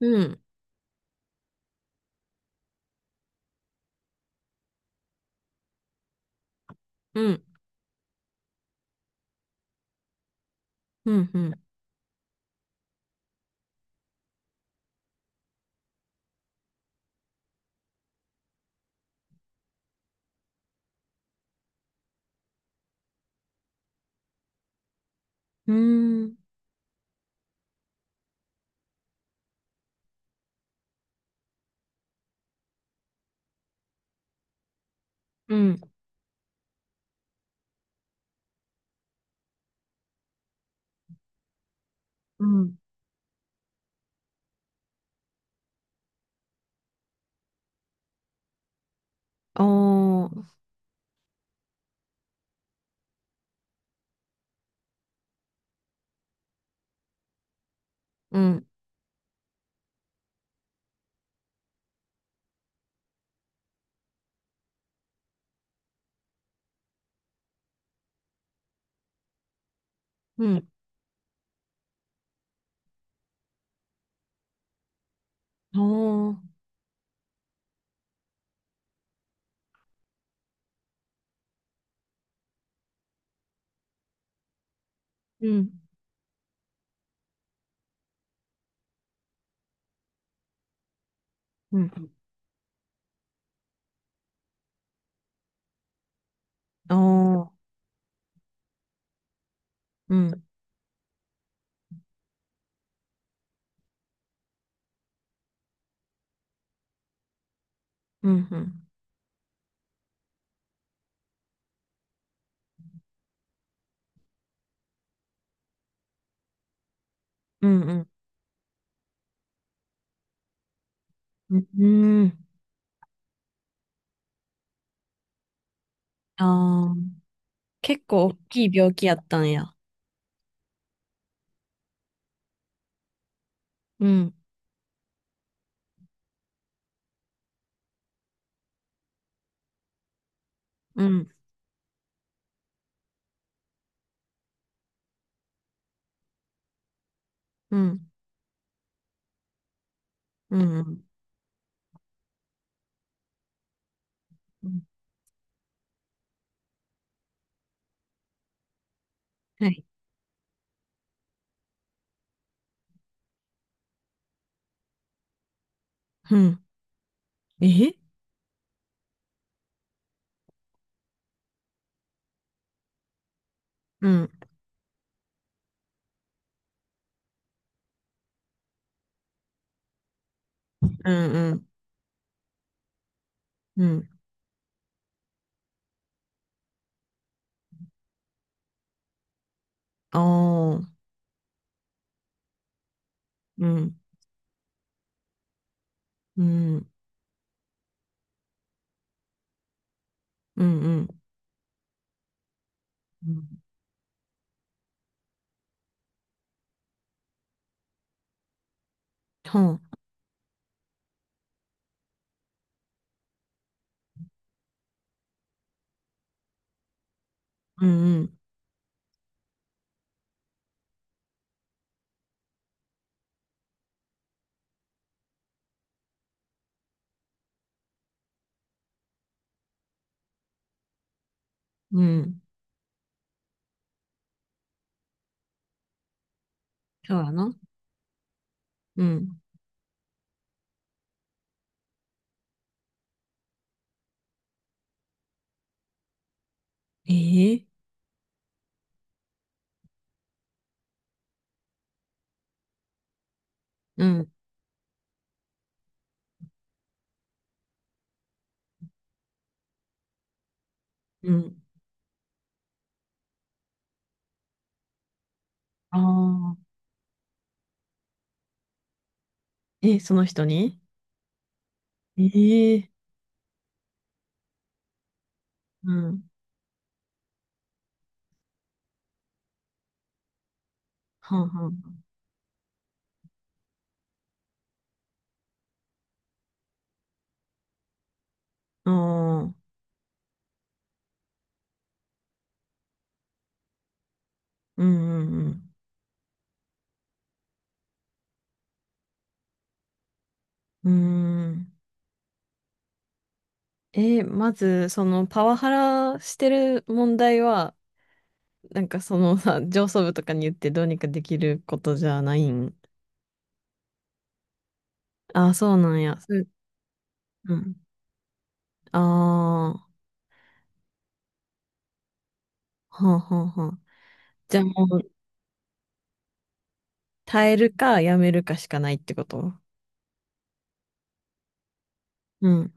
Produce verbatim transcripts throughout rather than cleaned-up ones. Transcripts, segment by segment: うん、うん、うん、うん、うん、うん、うん、ああ、うん、うん、ああ、うん、うん、ああ、うん、うん、うん、うん、うん、うん、ああ、結構大きい病気やったんや。うん、うん、うん、うん、うん、はい、うん、え、うん、うん、うん、うん、ああ、うん、うん、うん、うん、うん、はあ、うん、うん、うん、そうやな。うん、ええ、うん、うん。ああ。え、その人に？ええ、うん。はんはん。ああ。うん、うん、うん。うーん。えー、まず、そのパワハラしてる問題は、なんかそのさ、上層部とかに言ってどうにかできることじゃないん？ああ、そうなんや。そう、うん。ああ。はんはんはん。じゃあもう、耐えるかやめるかしかないってこと？うん。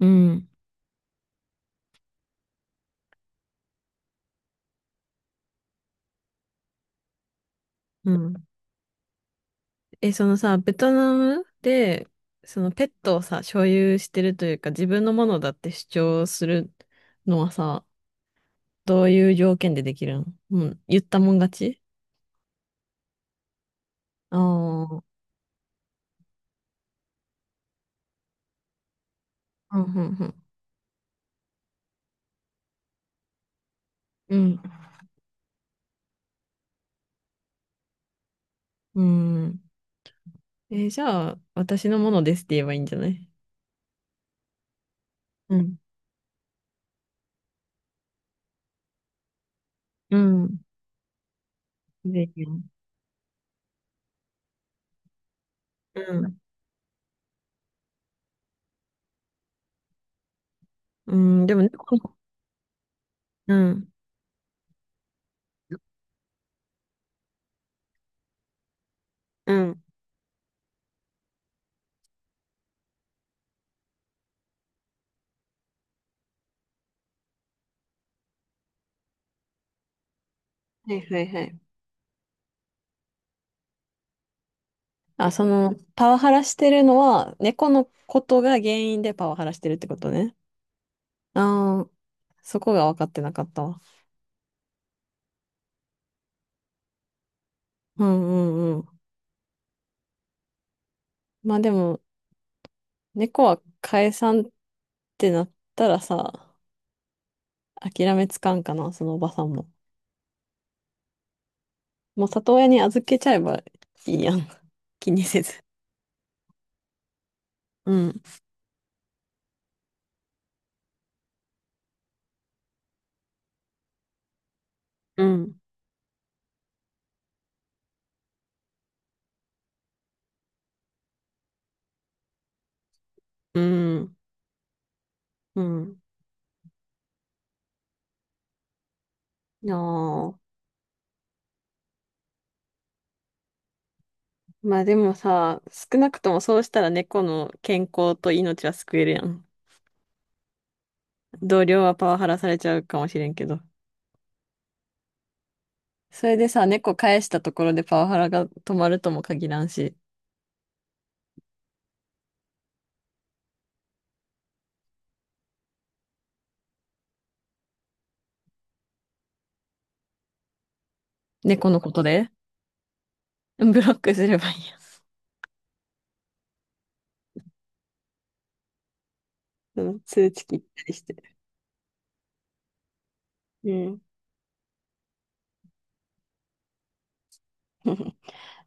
うん。うん。え、そのさ、ベトナムで、そのペットをさ、所有してるというか、自分のものだって主張するのはさ、どういう条件でできるの？うん、言ったもん勝ち？ああ、うん、うん、うん。うん。うん。えー、じゃあ、私のものですって言えばいいんじゃない？うん、うん。でいいよ。うん。うん、でも猫の、うん。うん。はいはいはい。あ、その、パワハラしてるのは、猫のことが原因でパワハラしてるってことね。ああ、そこが分かってなかったわ。うん、うん、うん。まあでも、猫は解散ってなったらさ、諦めつかんかな、そのおばさんも。もう里親に預けちゃえばいいやん。気にせず。うん、うん、うん、うん。ああ。まあでもさ、少なくともそうしたら猫の健康と命は救えるやん。同僚はパワハラされちゃうかもしれんけど。それでさ、猫返したところでパワハラが止まるとも限らんし。猫のことで？ブロックすればいいや。そ、通知切ったりして。うん。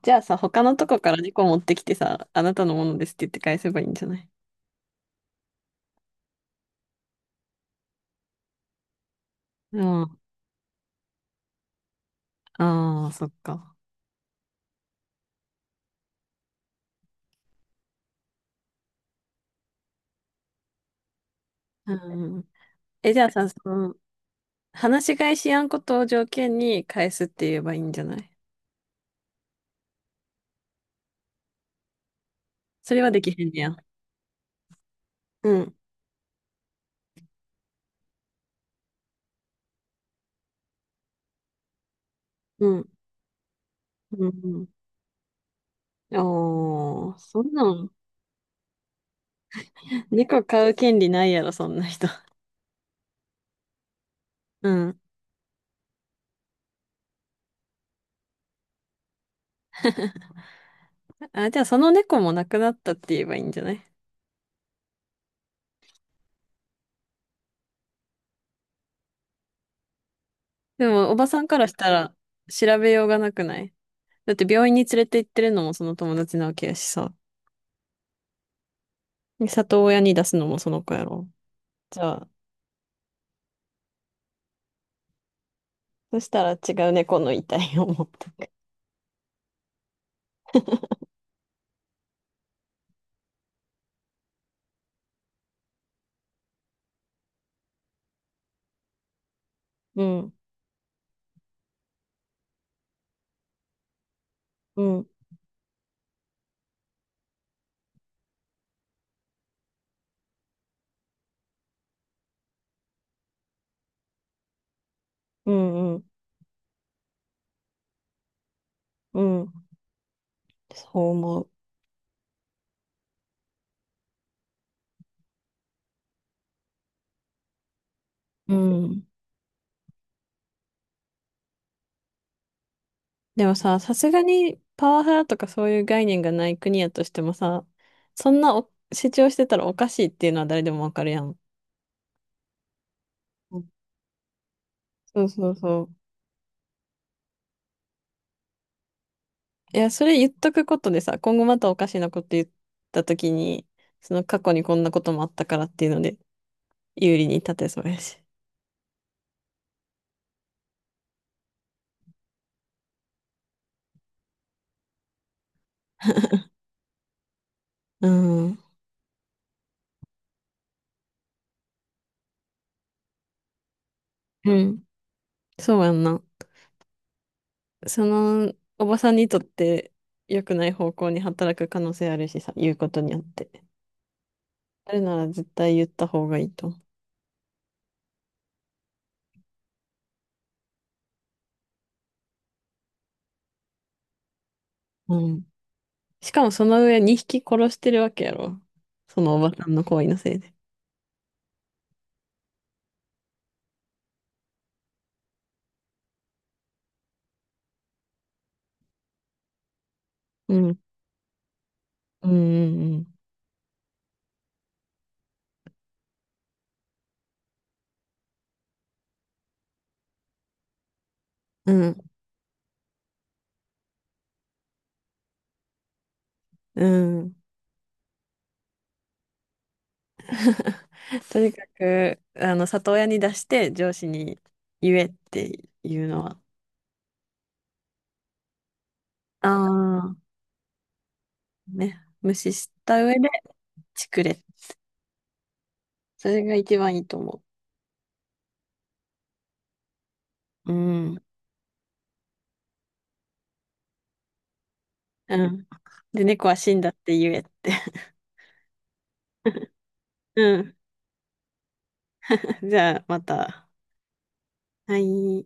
じゃあさ、他のとこから猫持ってきてさ、あなたのものですって言って返せばいいんじゃない？うん。ああ、そっか。うん。え、じゃあさ、その、話し返しやんことを条件に返すって言えばいいんじゃない？それはできへんねや。うん。うん。うん。うん、おー、そんなん、猫飼う権利ないやろ、そんな人。うん。あ、じゃあその猫も亡くなったって言えばいいんじゃない？でも、おばさんからしたら調べようがなくない？だって病院に連れて行ってるのもその友達なわけやしさ。で里親に出すのもその子やろ。じゃあ、そしたら違う猫の遺体を持ってく。うん、うん、うん、うん、うん。そう思う。うん。でもさ、さすがにパワハラとかそういう概念がない国やとしてもさ、そんなお主張してたらおかしいっていうのは誰でもわかるやん。うん、そうそうそう。いや、それ言っとくことでさ、今後またおかしなこと言ったときに、その過去にこんなこともあったからっていうので、有利に立てそうやし。うん。うん。そうやんな。その、おばさんにとって良くない方向に働く可能性あるしさ、言うことによって。あるなら絶対言った方がいいと思う。うん。しかもその上にひき殺してるわけやろ。そのおばさんの行為のせいで。うん。うん、うん、うん。うん。うん。とにかく、あの、里親に出して上司に言えっていうのは、ああ、ね、無視した上でチクれ。それが一番いいと思う。うん。うん。で、猫は死んだって言えって。うん。じゃあ、また。はい。